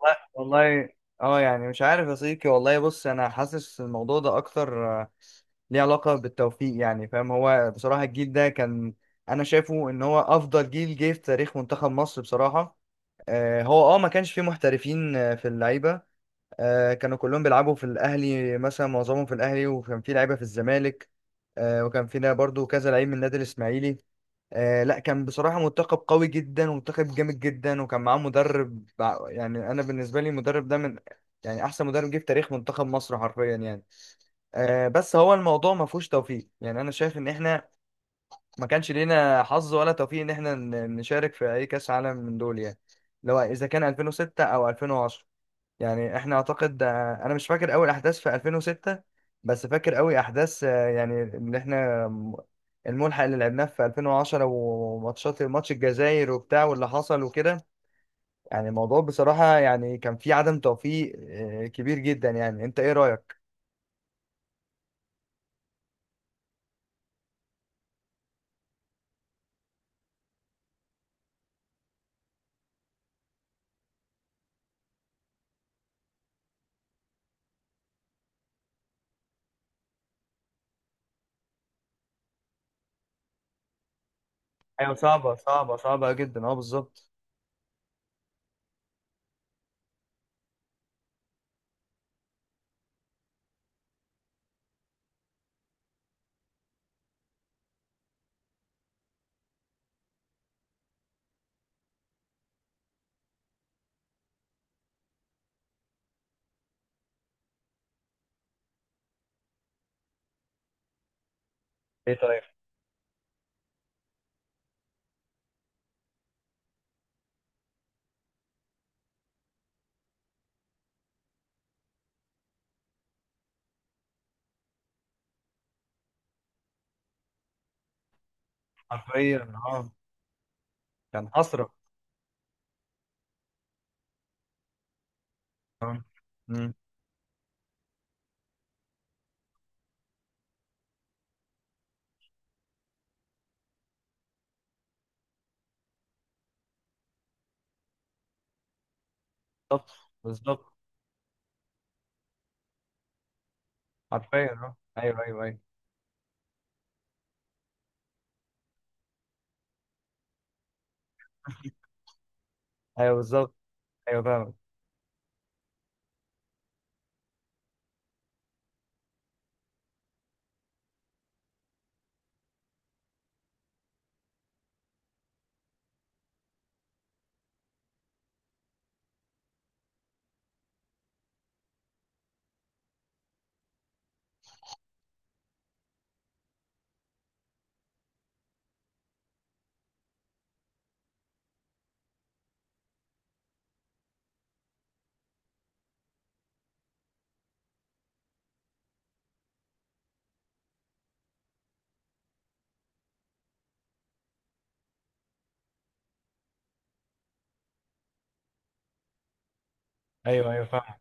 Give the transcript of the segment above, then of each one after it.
والله والله، اه يعني مش عارف يا صديقي. والله بص، انا حاسس الموضوع ده اكتر ليه علاقة بالتوفيق. يعني فاهم. هو بصراحة الجيل ده انا شايفه ان هو افضل جيل جه في تاريخ منتخب مصر بصراحة. هو اه ما كانش فيه محترفين في اللعيبة. كانوا كلهم بيلعبوا في الاهلي، مثلا معظمهم في الاهلي، وكان فيه لعيبة في الزمالك. وكان فينا برضو كذا لعيب من النادي الاسماعيلي. لا، كان بصراحة منتخب قوي جدا ومنتخب جامد جدا، وكان معاه مدرب يعني أنا بالنسبة لي المدرب ده من يعني أحسن مدرب جه في تاريخ منتخب مصر حرفيا يعني. بس هو الموضوع ما فيهوش توفيق. يعني أنا شايف إن إحنا ما كانش لينا حظ ولا توفيق إن إحنا نشارك في أي كأس عالم من دول، يعني لو إذا كان 2006 أو 2010. يعني احنا اعتقد انا مش فاكر اول احداث في 2006، بس فاكر قوي احداث يعني اللي احنا الملحق اللي لعبناه في 2010 وماتشات ماتش الجزائر وبتاع واللي حصل وكده. يعني الموضوع بصراحة يعني كان فيه عدم توفيق كبير جدا. يعني انت ايه رأيك؟ ايوه، صعبة صعبة صعبة جدا اه، بالظبط. ايه طيب. حرفيا اه. كان حسرة. اه. مم. بالظبط. بالظبط. حرفيا اه. ايوه ايوه ايوه. ايوه بالظبط. ايوه فاهم. ايوه ايوه فاهم.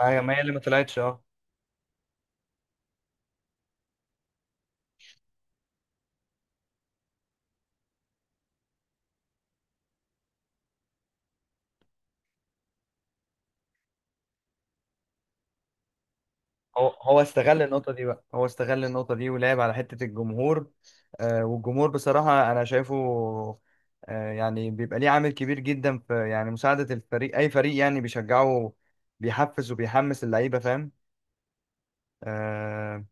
ما هي اللي ما طلعتش اه. هو استغل النقطة دي بقى، هو استغل النقطة دي ولعب على حتة الجمهور. والجمهور بصراحة أنا شايفه يعني بيبقى ليه عامل كبير جدا في يعني مساعدة الفريق، أي فريق، يعني بيشجعه بيحفز وبيحمس اللعيبة، فاهم آه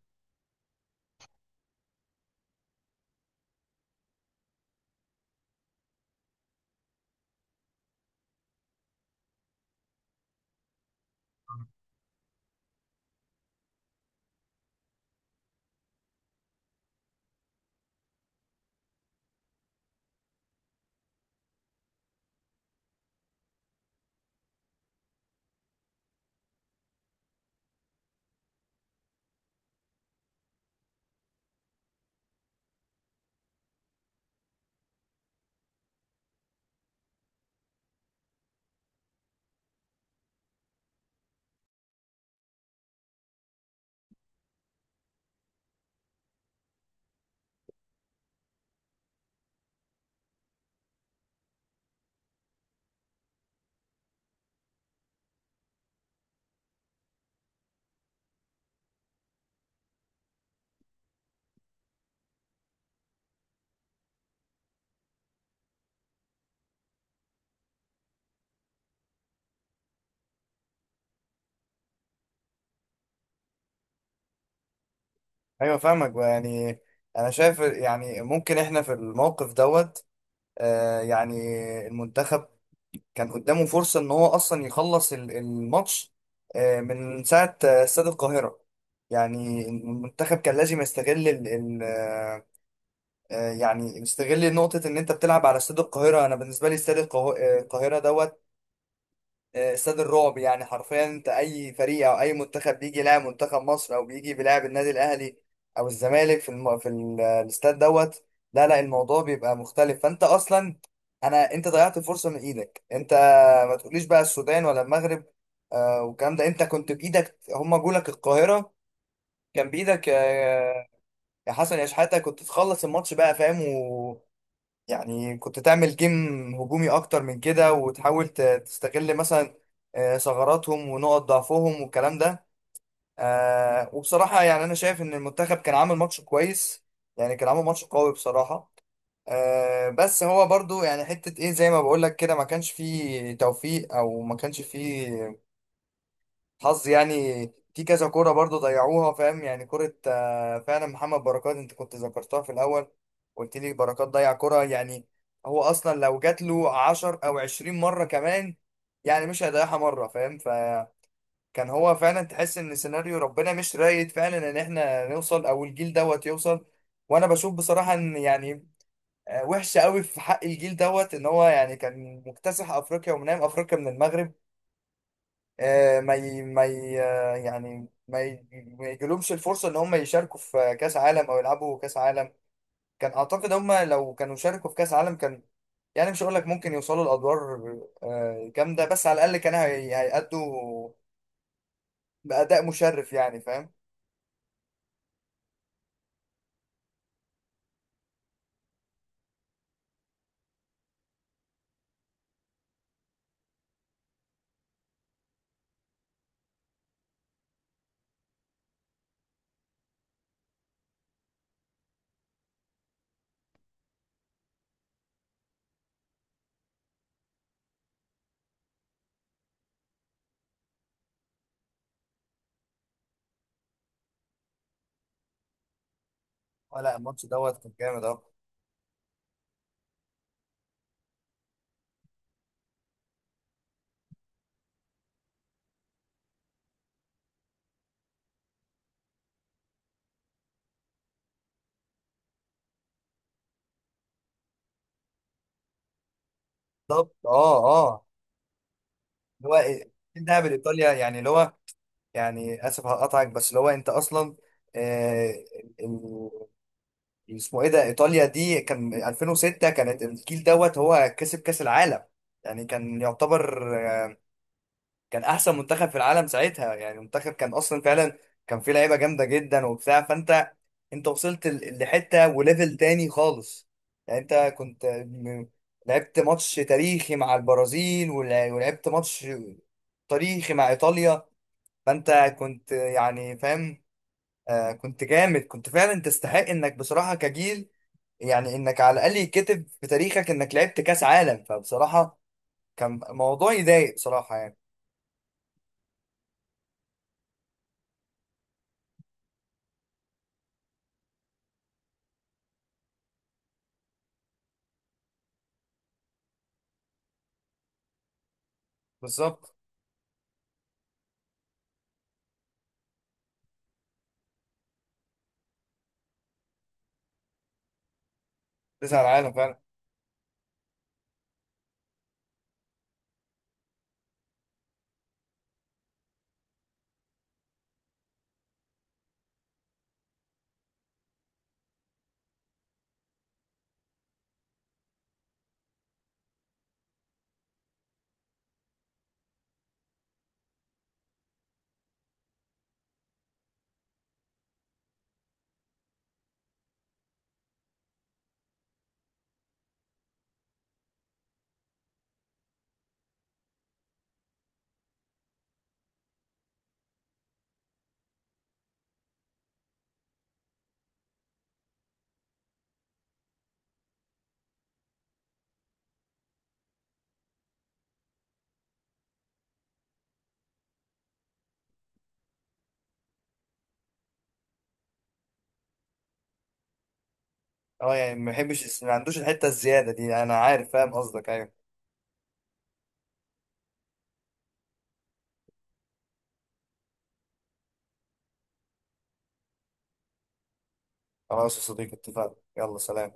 ايوه فاهمك يعني. انا شايف يعني ممكن احنا في الموقف دوت يعني المنتخب كان قدامه فرصة ان هو اصلا يخلص الماتش من ساعة استاد القاهرة. يعني المنتخب كان لازم يستغل ال ال آه، آه، يعني يستغل نقطة ان انت بتلعب على استاد القاهرة. انا بالنسبة لي استاد القاهرة دوت، استاد الرعب يعني حرفيا. انت اي فريق او اي منتخب بيجي يلاعب منتخب مصر، او بيجي بيلاعب النادي الاهلي او الزمالك في الاستاد دوت، لا لا، الموضوع بيبقى مختلف. فانت اصلا انت ضيعت الفرصه من ايدك انت. ما تقوليش بقى السودان ولا المغرب. والكلام ده انت كنت بايدك. هما جولك القاهره كان بايدك يا حسن يا شحاته، كنت تخلص الماتش بقى، فاهم يعني كنت تعمل جيم هجومي اكتر من كده، وتحاول تستغل مثلا ثغراتهم ونقط ضعفهم والكلام ده. وبصراحة يعني انا شايف ان المنتخب كان عامل ماتش كويس، يعني كان عامل ماتش قوي بصراحة. بس هو برضو يعني حتة ايه، زي ما بقول لك كده، ما كانش فيه توفيق او ما كانش فيه حظ يعني. في كذا كوره برضو ضيعوها، فاهم يعني، كوره فعلا محمد بركات انت كنت ذكرتها في الاول، قلت لي بركات ضيع كوره. يعني هو اصلا لو جات له 10 او 20 مره كمان، يعني مش هيضيعها مره، فاهم. فكان هو فعلا تحس ان سيناريو ربنا مش رايد فعلا ان احنا نوصل او الجيل دوت يوصل. وانا بشوف بصراحه ان يعني وحشه قوي في حق الجيل دوت ان هو يعني كان مكتسح افريقيا ومنام افريقيا من المغرب. آه، ما ي... ما ي... آه، يعني ما يجيلهمش الفرصة ان هم يشاركوا في كأس عالم او يلعبوا كأس عالم. كان اعتقد هم لو كانوا شاركوا في كأس عالم كان يعني مش هقول لك ممكن يوصلوا لأدوار جامدة، بس على الأقل كانوا هيأدوا بأداء مشرف، يعني فاهم. لا، الماتش دوت كان جامد اه. بالظبط اه اه. اللي هو إيه، الذهاب لإيطاليا يعني، اللي هو يعني اسف هقطعك، بس اللي هو انت اصلا آه، اسمه ايه ده، ايطاليا دي كان 2006، كانت الجيل دوت هو كسب كاس العالم. يعني كان يعتبر كان احسن منتخب في العالم ساعتها. يعني منتخب كان اصلا فعلا كان فيه لعيبه جامده جدا وبتاع. فانت انت وصلت لحته وليفل تاني خالص. يعني انت كنت لعبت ماتش تاريخي مع البرازيل ولعبت ماتش تاريخي مع ايطاليا. فانت كنت يعني فاهم. كنت جامد، كنت فعلا تستحق انك بصراحه كجيل، يعني انك على الاقل يتكتب في تاريخك انك لعبت كاس عالم. فبصراحه كان موضوع يضايق بصراحه يعني. بالظبط، كاس العالم فعلا اه. يعني ما بحبش، ما عندوش الحته الزياده دي، انا عارف فاهم قصدك. ايوه خلاص يا صديقي، اتفقنا، يلا سلام.